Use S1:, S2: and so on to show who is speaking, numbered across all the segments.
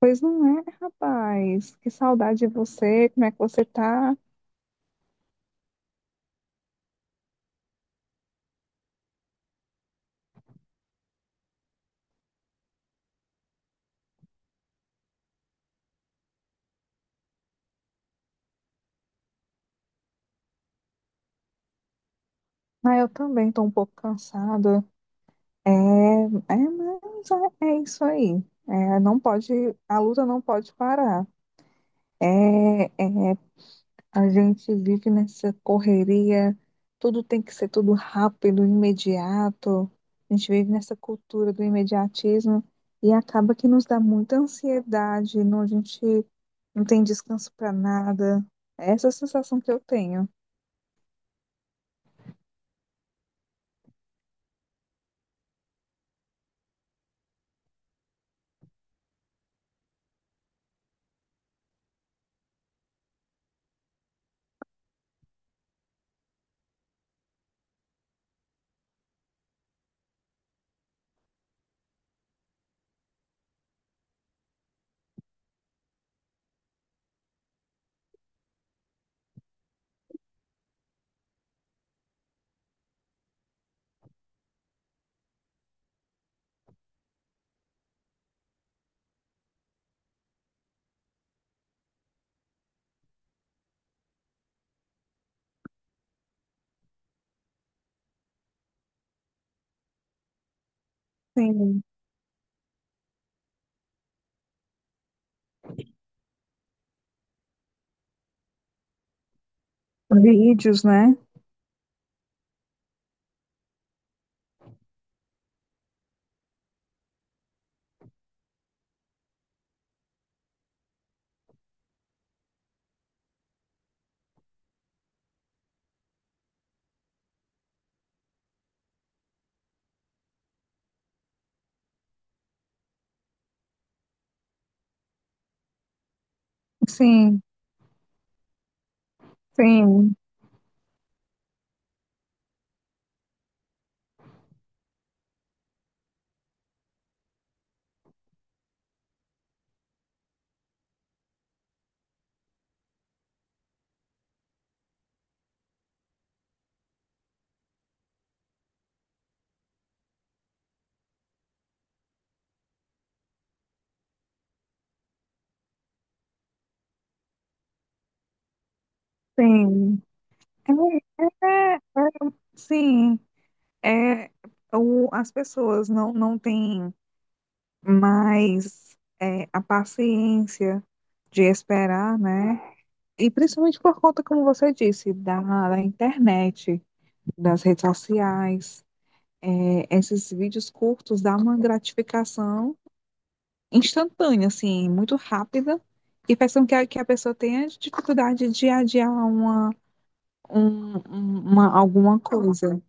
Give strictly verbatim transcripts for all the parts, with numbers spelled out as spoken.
S1: Pois não é, rapaz. Que saudade de você. Como é que você tá? Ah, eu também tô um pouco cansada. É, é, mas é, é isso aí. É, não pode, a luta não pode parar. É, é A gente vive nessa correria, tudo tem que ser tudo rápido, imediato. A gente vive nessa cultura do imediatismo e acaba que nos dá muita ansiedade, não, a gente não tem descanso para nada. Essa é a sensação que eu tenho. Sim, vídeos, né? Sim, sim, sim. É, é, é, é, sim, é, o, as pessoas não, não têm mais é, a paciência de esperar, né? E principalmente por conta, como você disse, da, da internet, das redes sociais, é, esses vídeos curtos dão uma gratificação instantânea, assim, muito rápida, que faz com que a, que a pessoa tenha dificuldade de adiar uma, um, um- uma, alguma coisa.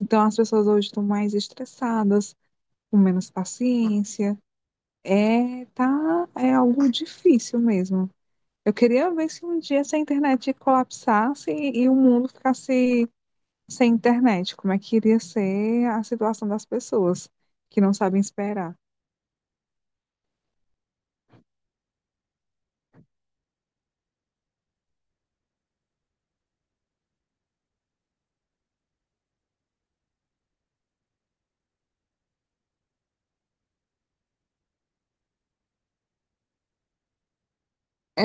S1: Então, as pessoas hoje estão mais estressadas, com menos paciência. É, tá, é algo difícil mesmo. Eu queria ver se um dia essa internet colapsasse e, e o mundo ficasse sem internet. Como é que iria ser a situação das pessoas que não sabem esperar? É,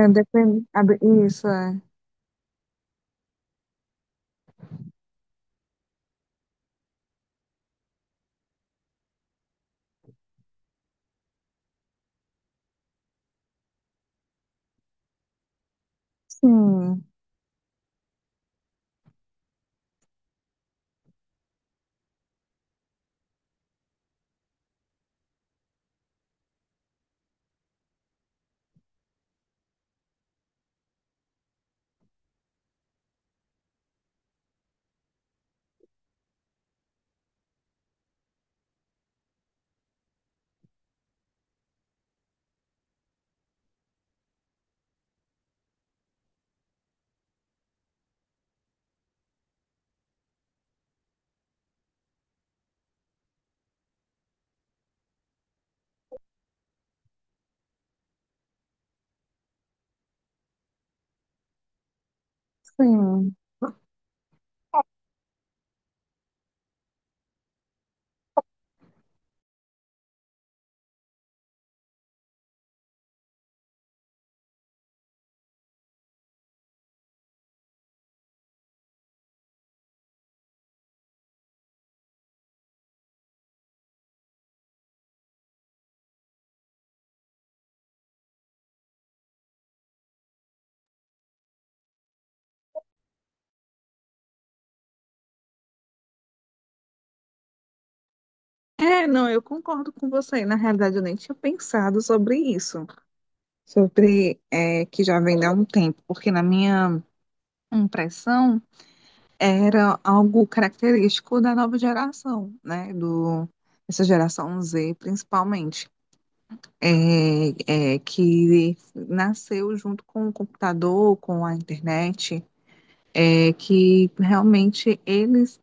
S1: é depende. abre- Isso é. Sim, sim. É, não, eu concordo com você. Na realidade, eu nem tinha pensado sobre isso, sobre é, que já vem há um tempo, porque na minha impressão era algo característico da nova geração, né? Do, essa geração zê, principalmente, é, é, que nasceu junto com o computador, com a internet, é, que realmente eles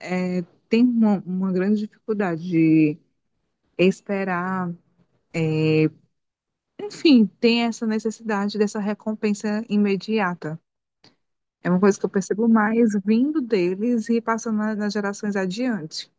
S1: é, têm uma, uma grande dificuldade de esperar, enfim, tem essa necessidade dessa recompensa imediata. É uma coisa que eu percebo mais vindo deles e passando na- nas gerações adiante.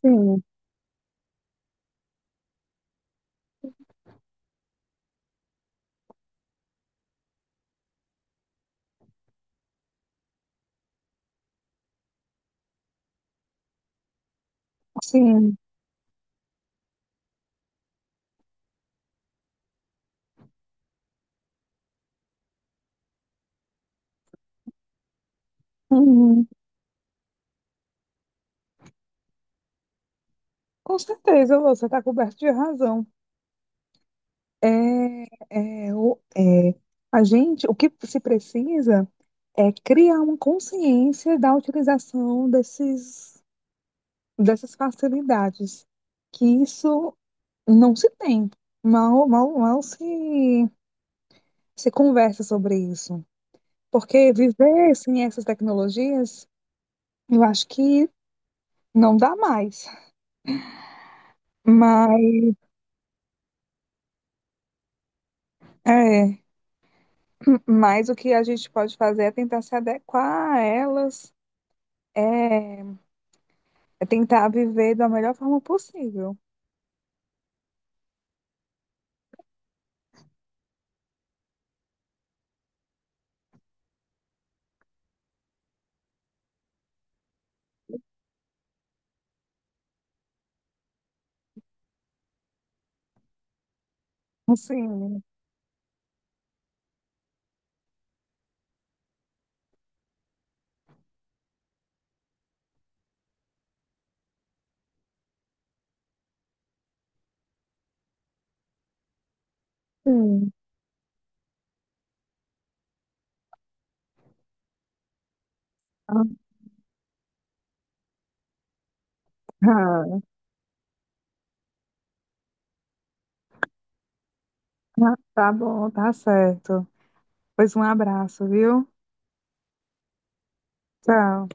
S1: Sim, sim. Uhum. Com certeza, você está coberto de razão. É, é, o- é, a gente, o que se precisa é criar uma consciência da utilização desses, dessas facilidades, que isso não se tem, mal, mal, mal se, se conversa sobre isso. Porque viver sem essas tecnologias, eu acho que não dá mais. Mas, é. Mas o que a gente pode fazer é tentar se adequar a elas, é, é tentar viver da melhor forma possível. Assim, sim. Ah, ah, tá bom, tá certo. Pois um abraço, viu? Tchau.